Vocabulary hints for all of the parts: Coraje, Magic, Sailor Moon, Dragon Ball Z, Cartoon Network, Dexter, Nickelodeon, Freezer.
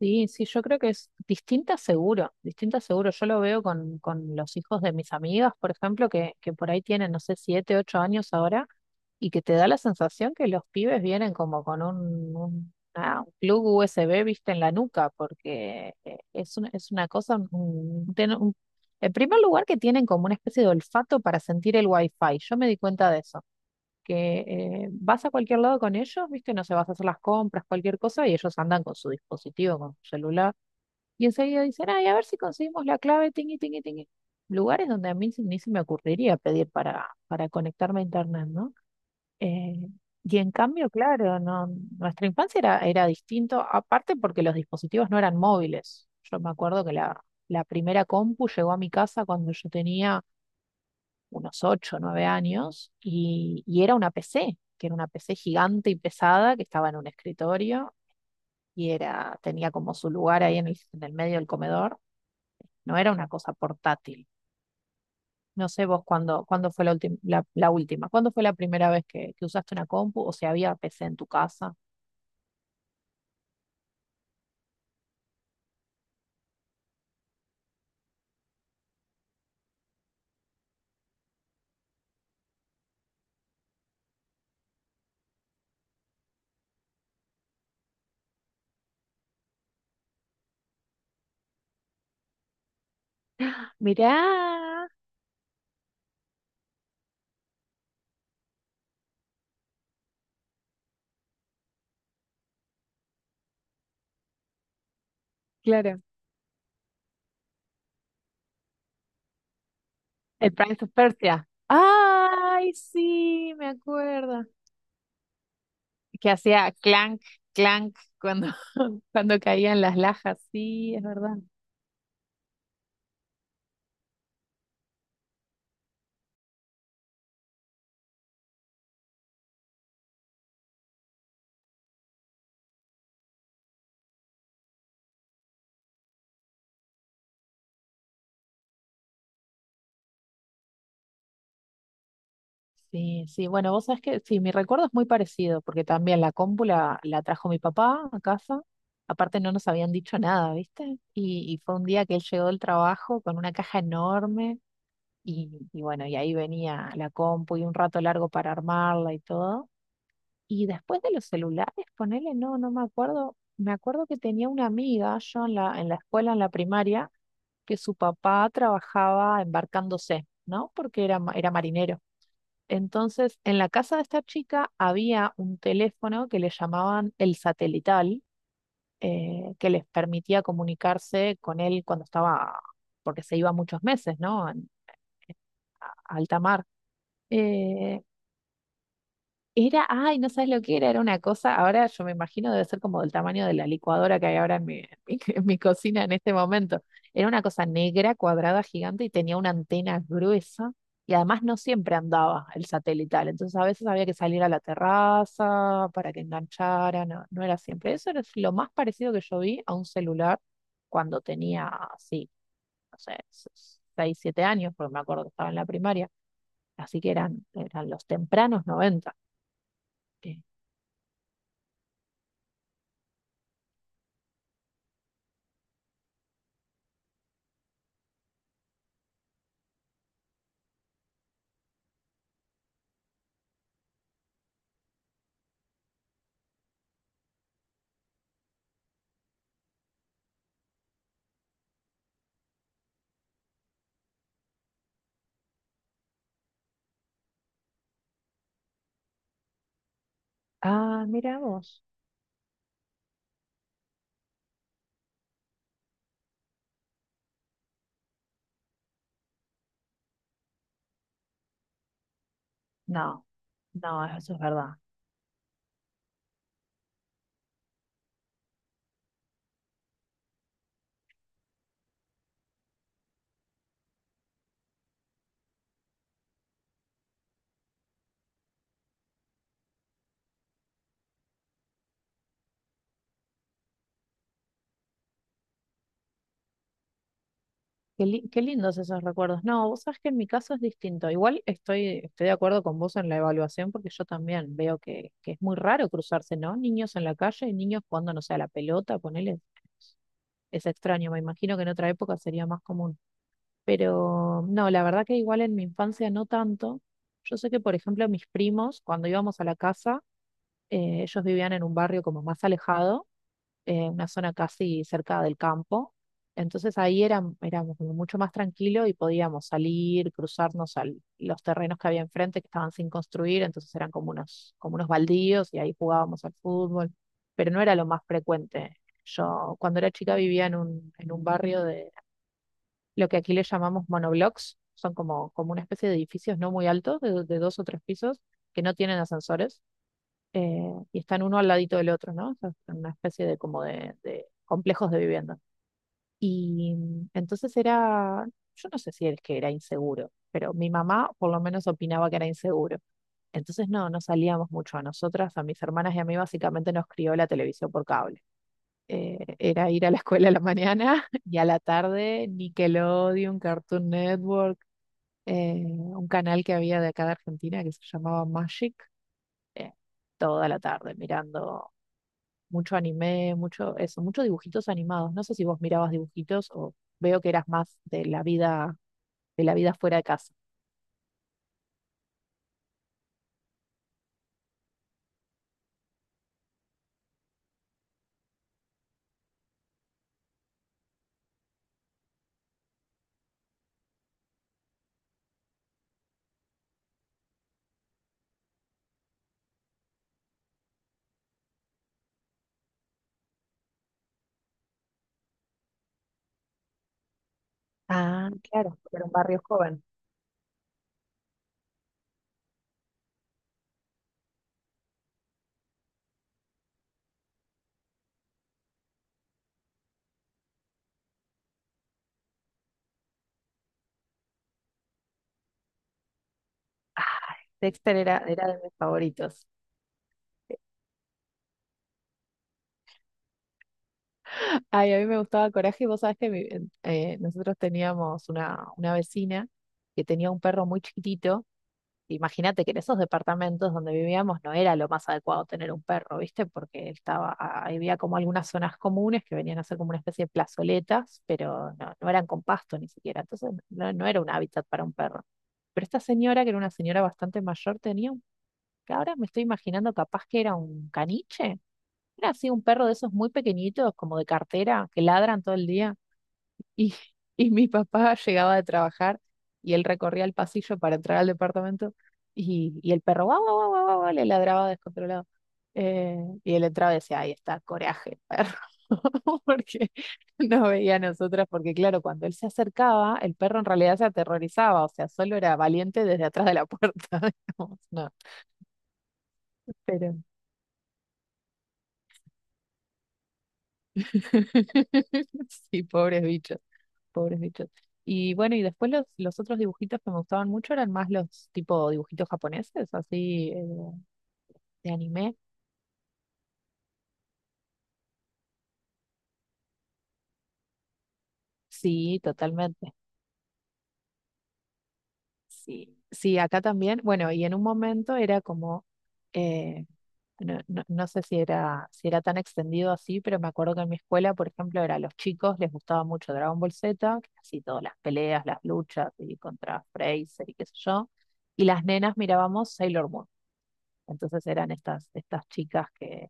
Sí, sí, yo creo que es distinta seguro, distinta seguro. Yo lo veo con los hijos de mis amigas, por ejemplo, que por ahí tienen, no sé, 7, 8 años ahora, y que te da la sensación que los pibes vienen como con un plug USB, viste, en la nuca, porque es una cosa, en primer lugar que tienen como una especie de olfato para sentir el wifi. Yo me di cuenta de eso que vas a cualquier lado con ellos, ¿viste? No sé, vas a hacer las compras, cualquier cosa, y ellos andan con su dispositivo, con su celular, y enseguida dicen, ay, a ver si conseguimos la clave, tingui, tingui, tingui. Lugares donde a mí ni se me ocurriría pedir para conectarme a internet, ¿no? Eh, y en cambio, claro, no, nuestra infancia era distinto, aparte porque los dispositivos no eran móviles. Yo me acuerdo que la primera compu llegó a mi casa cuando yo tenía unos 8 o 9 años y era una PC, que era una PC gigante y pesada que estaba en un escritorio y tenía como su lugar ahí en en el medio del comedor. No era una cosa portátil. No sé vos cuándo fue la, ultim- la última, cuándo fue la primera vez que usaste una compu o si había PC en tu casa. Mirá. Claro. El Prince of Persia. Ay, sí, me acuerdo. Que hacía clank, clank cuando caían las lajas. Sí, es verdad. Sí, sí, bueno, vos sabés que sí, mi recuerdo es muy parecido, porque también la compu la trajo mi papá a casa, aparte no nos habían dicho nada, ¿viste? Y fue un día que él llegó del trabajo con una caja enorme y bueno, y ahí venía la compu y un rato largo para armarla y todo. Y después de los celulares, ponele, no, no me acuerdo. Me acuerdo que tenía una amiga, yo en en la escuela, en la primaria, que su papá trabajaba embarcándose, ¿no? Porque era, era marinero. Entonces, en la casa de esta chica había un teléfono que le llamaban el satelital, que les permitía comunicarse con él cuando estaba, porque se iba muchos meses, ¿no? En alta mar. Eh, Era, ay, no sabes lo que era, una cosa, ahora yo me imagino debe ser como del tamaño de la licuadora que hay ahora en en mi cocina en este momento. Era una cosa negra, cuadrada, gigante y tenía una antena gruesa y además no siempre andaba el satelital, entonces a veces había que salir a la terraza para que enganchara, no, no era siempre. Eso era lo más parecido que yo vi a un celular cuando tenía, sí, no sé, 6, 7 años, porque me acuerdo que estaba en la primaria, así que eran los tempranos noventa. Ah, mira vos. No, no, eso es verdad. Qué lindos esos recuerdos. No, vos sabés que en mi caso es distinto. Igual estoy de acuerdo con vos en la evaluación porque yo también veo que es muy raro cruzarse, ¿no? Niños en la calle y niños jugando, no sé, a la pelota, ponele. Es extraño, me imagino que en otra época sería más común. Pero no, la verdad que igual en mi infancia no tanto. Yo sé que, por ejemplo, mis primos, cuando íbamos a la casa, ellos vivían en un barrio como más alejado, una zona casi cerca del campo. Entonces ahí éramos como mucho más tranquilos y podíamos salir, cruzarnos a los terrenos que había enfrente que estaban sin construir, entonces eran como unos baldíos y ahí jugábamos al fútbol, pero no era lo más frecuente. Yo cuando era chica vivía en en un barrio de lo que aquí le llamamos monoblocks, son como una especie de edificios no muy altos, de dos o tres pisos, que no tienen ascensores, eh, y están uno al ladito del otro, ¿no? O sea, en una especie de como de complejos de vivienda. Y entonces yo no sé si es que era inseguro, pero mi mamá por lo menos opinaba que era inseguro. Entonces no, no salíamos mucho. A nosotras, a mis hermanas y a mí básicamente nos crió la televisión por cable. Era ir a la escuela a la mañana y a la tarde Nickelodeon, Cartoon Network, un canal que había de acá de Argentina que se llamaba Magic, eh, toda la tarde mirando mucho anime, mucho eso, muchos dibujitos animados. No sé si vos mirabas dibujitos o veo que eras más de la vida fuera de casa. Ah, claro, era un barrio joven. Ay, Dexter era de mis favoritos. Ay, a mí me gustaba Coraje. Vos sabés que nosotros teníamos una vecina que tenía un perro muy chiquitito. Imagínate que en esos departamentos donde vivíamos no era lo más adecuado tener un perro, ¿viste? Porque había como algunas zonas comunes que venían a ser como una especie de plazoletas, pero no, no eran con pasto ni siquiera. Entonces no, no era un hábitat para un perro. Pero esta señora, que era una señora bastante mayor, tenía un, que ahora me estoy imaginando capaz que era un caniche. Era así un perro de esos muy pequeñitos, como de cartera, que ladran todo el día. Y, y mi papá llegaba de trabajar y él recorría el pasillo para entrar al departamento y el perro guau, guau, guau, guau, guau, le ladraba descontrolado. Eh, y él entraba y decía, ahí está, coraje, el perro, porque nos veía a nosotras, porque claro, cuando él se acercaba, el perro en realidad se aterrorizaba, o sea, solo era valiente desde atrás de la puerta, digamos, no, pero sí, pobres bichos. Pobres bichos. Y bueno, y después los otros dibujitos que me gustaban mucho eran más los tipo dibujitos japoneses, así de anime. Sí, totalmente. Sí, sí, acá también. Bueno, y en un momento era como, eh, no, no sé si era tan extendido así, pero me acuerdo que en mi escuela, por ejemplo, era a los chicos, les gustaba mucho Dragon Ball Z, que así todas las peleas, las luchas y contra Freezer y qué sé yo. Y las nenas mirábamos Sailor Moon. Entonces eran estas chicas que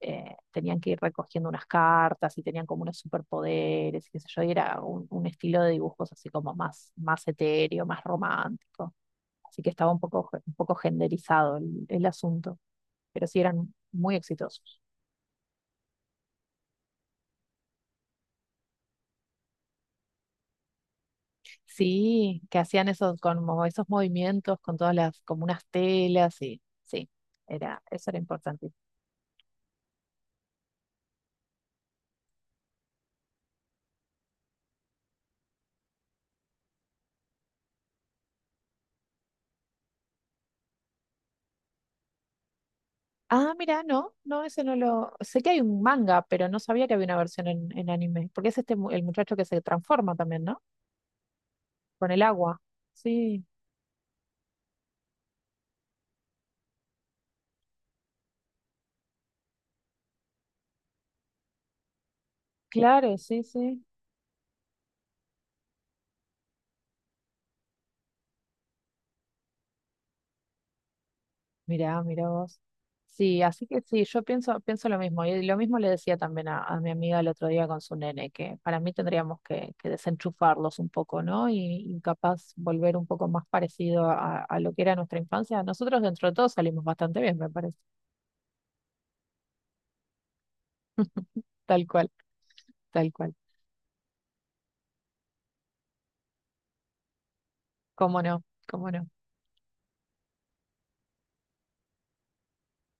tenían que ir recogiendo unas cartas y tenían como unos superpoderes y qué sé yo, y era un estilo de dibujos así como más etéreo, más romántico. Así que estaba un poco genderizado el asunto, pero sí eran muy exitosos. Sí, que hacían como esos movimientos con todas como unas telas y sí, eso era importante. Ah, mira, no, no, ese no lo. Sé que hay un manga, pero no sabía que había una versión en anime. Porque es el muchacho que se transforma también, ¿no? Con el agua. Sí, claro, sí, sí. Mirá, mirá vos. Sí, así que sí, yo pienso lo mismo. Y lo mismo le decía también a mi amiga el otro día con su nene, que para mí tendríamos que desenchufarlos un poco, ¿no? Y capaz volver un poco más parecido a lo que era nuestra infancia. Nosotros dentro de todo salimos bastante bien, me parece. Tal cual, tal cual. ¿Cómo no? ¿Cómo no?